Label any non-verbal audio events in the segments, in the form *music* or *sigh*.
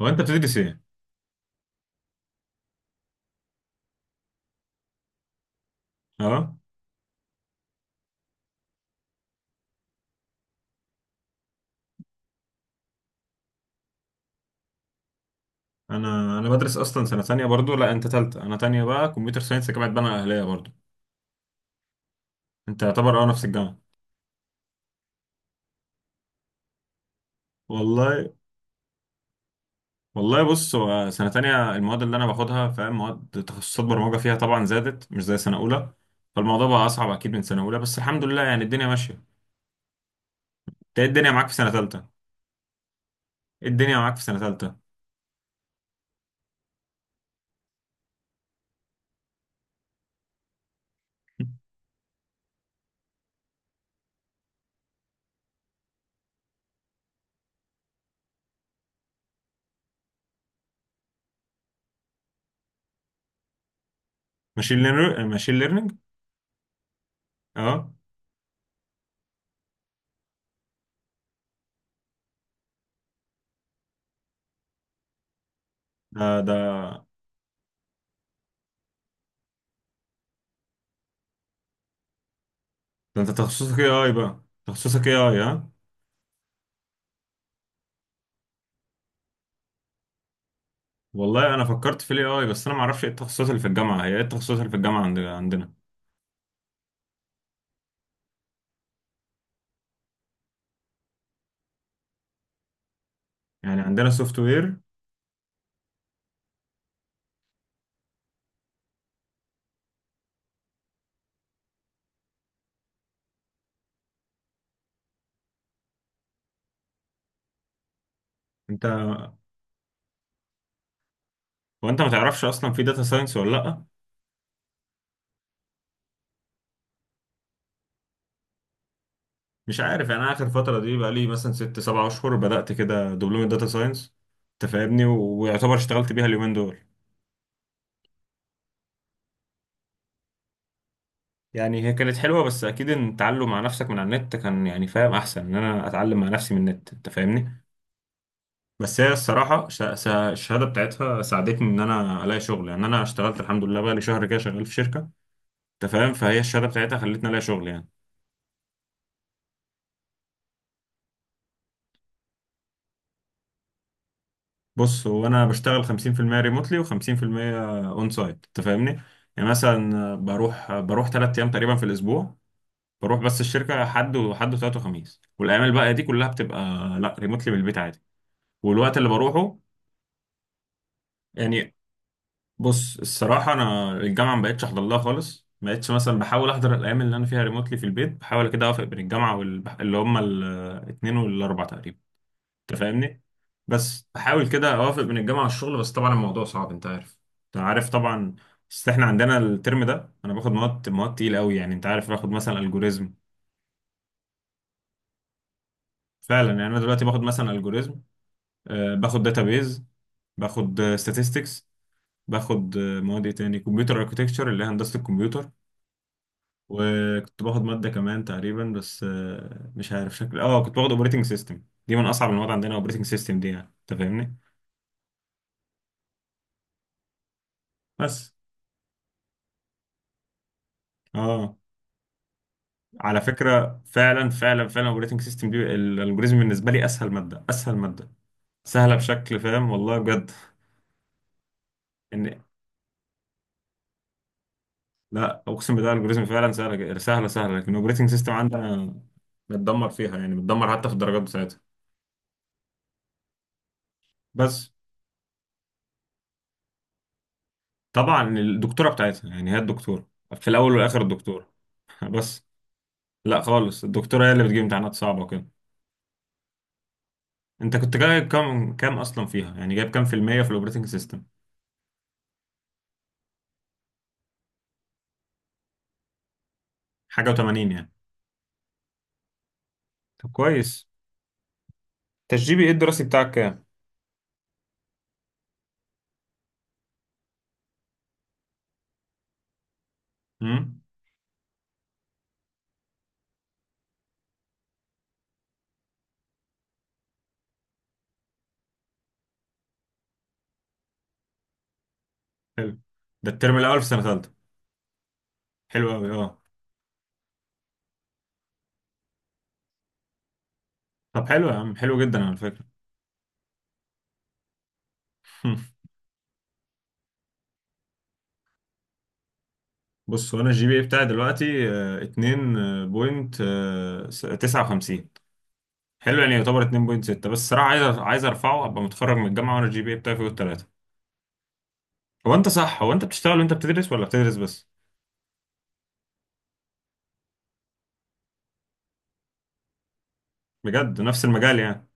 هو انت بتدرس ايه؟ اه. انا بدرس اصلا سنه ثانيه برضو. لا، انت ثالثه، انا ثانيه بقى، كمبيوتر ساينس، جامعه بنها الاهليه برضو. انت يعتبر نفس الجامعه. والله. والله، بص، هو سنه ثانيه المواد اللي انا باخدها فاهم، مواد تخصصات برمجه فيها طبعا زادت، مش زي سنه اولى. فالموضوع بقى اصعب اكيد من سنه اولى، بس الحمد لله يعني الدنيا ماشيه. انت ايه الدنيا معاك في سنه ثالثه؟ ايه الدنيا معاك في سنه ثالثه؟ ماشين ليرنينج، ماشين ليرنينج. اه. ده ده ده انت تخصصك ايه اي بقى. تخصصك ايه اي، ها؟ والله انا فكرت في الاي اي، بس انا ما اعرفش ايه التخصصات اللي في الجامعه، هي ايه التخصصات اللي في الجامعه عندنا؟ يعني عندنا سوفت وير. انت وانت ما تعرفش اصلا في داتا ساينس ولا لا؟ مش عارف. يعني انا اخر فتره دي بقى لي مثلا 6 7 اشهر بدات كده دبلومه داتا ساينس. انت فاهمني، ويعتبر اشتغلت بيها اليومين دول. يعني هي كانت حلوه، بس اكيد ان التعلم مع نفسك من على النت كان يعني فاهم احسن، ان انا اتعلم مع نفسي من النت، انت فاهمني. بس هي الصراحه الشهاده بتاعتها ساعدتني ان انا الاقي شغل، يعني انا اشتغلت الحمد لله بقى لي شهر كده شغال في شركه. انت فاهم، فهي الشهاده بتاعتها خلتني الاقي شغل يعني. بص، هو انا بشتغل 50% ريموتلي و50% اون سايت، انت فاهمني. يعني مثلا بروح 3 ايام تقريبا في الاسبوع. بروح، بس الشركه حد وحد وثلاث وخميس، والايام الباقيه دي كلها بتبقى لا، ريموتلي من البيت عادي. والوقت اللي بروحه يعني، بص الصراحه انا الجامعه ما بقتش احضر لها خالص، ما بقتش مثلا، بحاول احضر الايام اللي انا فيها ريموتلي في البيت، بحاول كده اوافق بين الجامعه اللي هم الاثنين والاربع تقريبا. انت فاهمني. بس بحاول كده اوافق بين الجامعه والشغل، بس طبعا الموضوع صعب، انت عارف. انت عارف طبعا. بس احنا عندنا الترم ده انا باخد مواد، مواد تقيله قوي يعني، انت عارف، باخد مثلا الجوريزم. فعلا، يعني انا دلوقتي باخد مثلا الجوريزم. آه، باخد داتابيز، باخد statistics، باخد مواد ايه تاني، كمبيوتر اركتكتشر اللي هي هندسه الكمبيوتر. وكنت باخد ماده كمان تقريبا، بس مش عارف شكل، كنت باخد اوبريتنج سيستم. دي من اصعب المواد عندنا، اوبريتنج سيستم دي يعني، انت فاهمني. بس. اه على فكرة، فعلا فعلا فعلا الاوبريتنج سيستم دي، الالجوريزم بالنسبة لي اسهل مادة، اسهل مادة. سهلة بشكل فاهم، والله بجد. ان. لا، اقسم بالله الالجوريزم فعلا سهلة سهلة سهلة، لكن الاوبريتنج سيستم عندنا بتدمر فيها، يعني بتدمر حتى في الدرجات بتاعتها. بس. طبعا الدكتورة بتاعتها، يعني هي الدكتورة في الاول والاخر الدكتورة. *laughs* بس. لا خالص، الدكتورة هي اللي بتجيب امتحانات صعبة وكده. انت كنت جايب كام، اصلا فيها يعني، جايب كام في المية في الاوبريتنج سيستم؟ حاجة و80 يعني. طب كويس. انت الGPA الدراسي بتاعك كام؟ امم. حلو. ده الترم الاول في سنه ثالثه؟ حلو قوي، اه. طب حلو يا عم، حلو جدا على فكره. *laughs* بص، وانا الGPA بتاعي دلوقتي 2.59. حلو يعني، يعتبر 2.6. بس الصراحه عايز، ارفعه، ابقى متخرج من الجامعه وانا الجي بي اي بتاعي فوق الثلاثه. هو انت بتشتغل وانت بتدرس ولا بتدرس بس؟ بجد، نفس المجال يعني.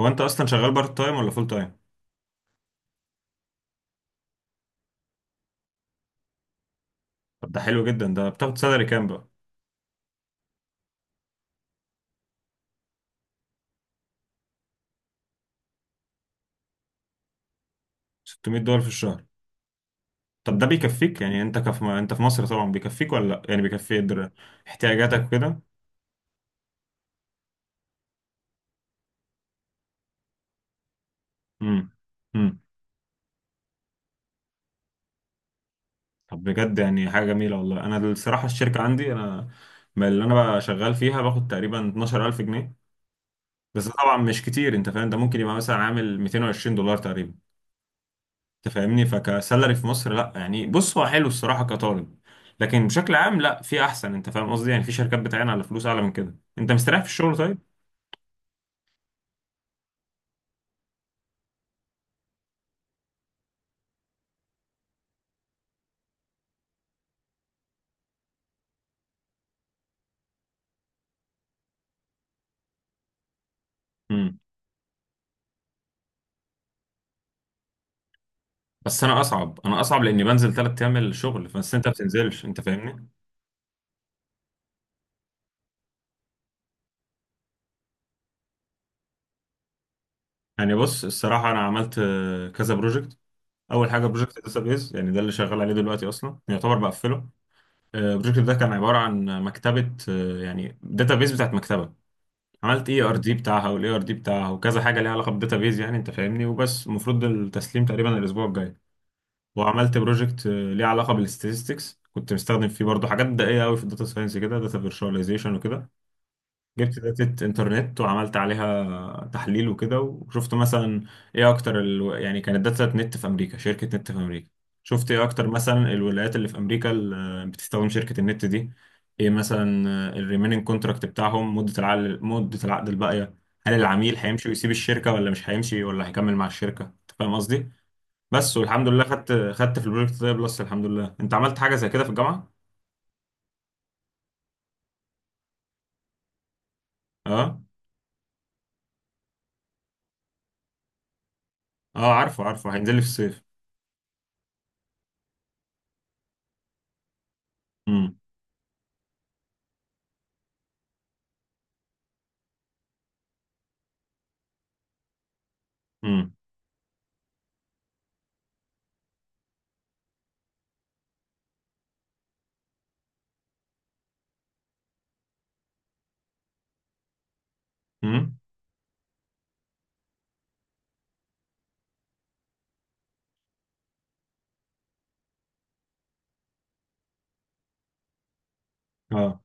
هو انت اصلا شغال بارت تايم ولا فول تايم؟ طب ده حلو جدا، ده بتاخد سالري كام بقى؟ $600 في الشهر؟ طب ده بيكفيك يعني، انت انت في مصر طبعا، بيكفيك ولا لا يعني، بيكفي احتياجاتك وكده؟ امم، امم. طب بجد يعني حاجه جميله والله. انا الصراحه الشركه عندي انا، ما، اللي انا بقى شغال فيها باخد تقريبا 12,000 جنيه. بس ده طبعا مش كتير، انت فاهم، ده ممكن يبقى مثلا عامل $220 تقريبا. انت فاهمني، فكسالري في مصر لا يعني، بص هو حلو الصراحه كطالب، لكن بشكل عام لا، في احسن، انت فاهم قصدي يعني، في شركات بتعين على فلوس اعلى من كده، انت مستريح في الشغل. طيب. بس انا اصعب، لاني بنزل 3 ايام الشغل، بس انت ما بتنزلش، انت فاهمني. يعني بص الصراحه انا عملت كذا بروجكت. اول حاجه بروجكت داتابيز، يعني ده اللي شغال عليه دلوقتي، اصلا يعتبر بقفله. آه، البروجكت ده كان عباره عن مكتبه، يعني داتابيز بتاعت مكتبه. عملت ERD بتاعها، والاي ار دي بتاعها، وكذا حاجه ليها علاقه بالداتابيز يعني، انت فاهمني، وبس المفروض التسليم تقريبا الاسبوع الجاي. وعملت بروجكت ليه علاقه بالستاتستكس، كنت مستخدم فيه برضه حاجات دقيقه قوي في الداتا ساينس كده، داتا فيرشواليزيشن وكده. جبت داتا انترنت وعملت عليها تحليل وكده، وشفت مثلا ايه اكتر يعني كانت داتا نت في امريكا، شركة نت في امريكا. شفت ايه اكتر مثلا الولايات اللي في امريكا اللي بتستخدم شركة النت دي. ايه مثلا الريميننج كونتراكت بتاعهم، مدة العقد الباقية. هل العميل هيمشي ويسيب الشركة، ولا مش هيمشي، ولا هيكمل مع الشركة، انت فاهم قصدي. بس والحمد لله خدت في البروجكت ده بلس، الحمد لله. انت عملت حاجة زي كده في الجامعة؟ اه، اه، عارفه عارفه، هينزل لي في الصيف. امم، امم، امم، اه.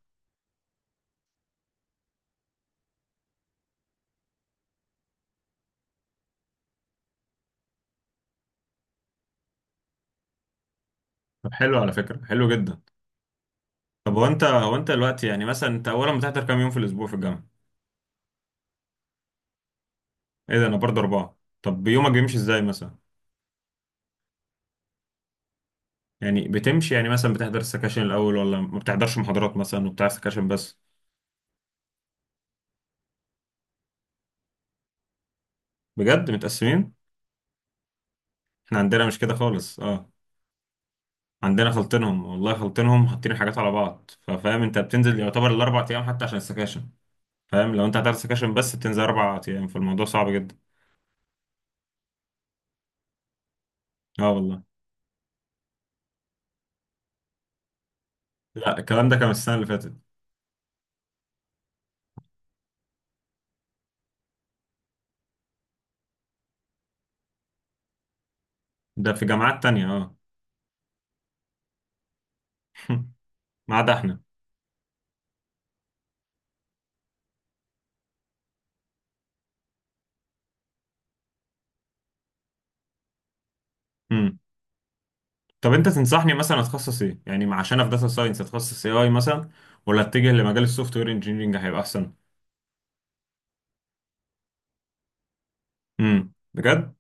طب حلو على فكرة، حلو جدا. طب هو انت دلوقتي يعني مثلا، انت اولا بتحضر كام يوم في الاسبوع في الجامعة؟ ايه ده، انا برضه اربعة. طب يومك بيمشي ازاي مثلا؟ يعني بتمشي يعني، مثلا بتحضر السكاشن الاول، ولا ما بتحضرش محاضرات مثلا، وبتاع سكاشن بس؟ بجد، متقسمين؟ احنا عندنا مش كده خالص، اه. عندنا خلطينهم والله، خلطينهم، حاطين حاجات على بعض، ففاهم انت بتنزل يعتبر الاربع ايام حتى عشان السكاشن. فاهم، لو انت هتحضر سكاشن بس، بتنزل 4 ايام، فالموضوع صعب جدا. اه والله. لا، الكلام ده كان السنة اللي فاتت. ده في جامعات تانية، اه. *laughs* ما عدا احنا. امم. طب انت تنصحني مثلا اتخصص ايه يعني عشان في داتا ساينس، اتخصص AI مثلا، ولا اتجه لمجال السوفت وير انجينيرنج هيبقى احسن؟ امم، بجد؟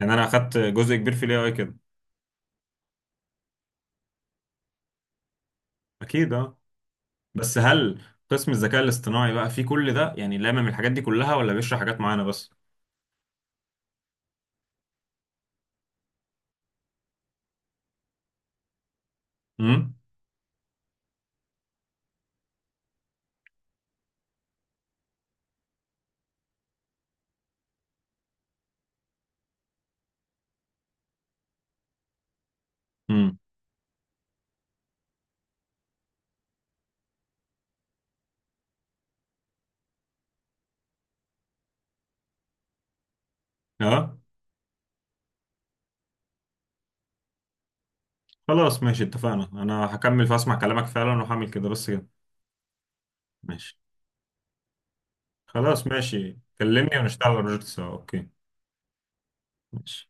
يعني انا اخدت جزء كبير في الAI كده. اكيد، اه. بس هل قسم الذكاء الاصطناعي بقى فيه كل ده يعني، لامم الحاجات دي كلها، ولا بيشرح حاجات معينه بس؟ امم، امم، اه. خلاص ماشي، اتفقنا، انا هكمل فاسمع كلامك فعلا وهعمل كده، بس كده. ماشي. خلاص ماشي، كلمني ونشتغل على البروجكت سوا، اوكي. ماشي.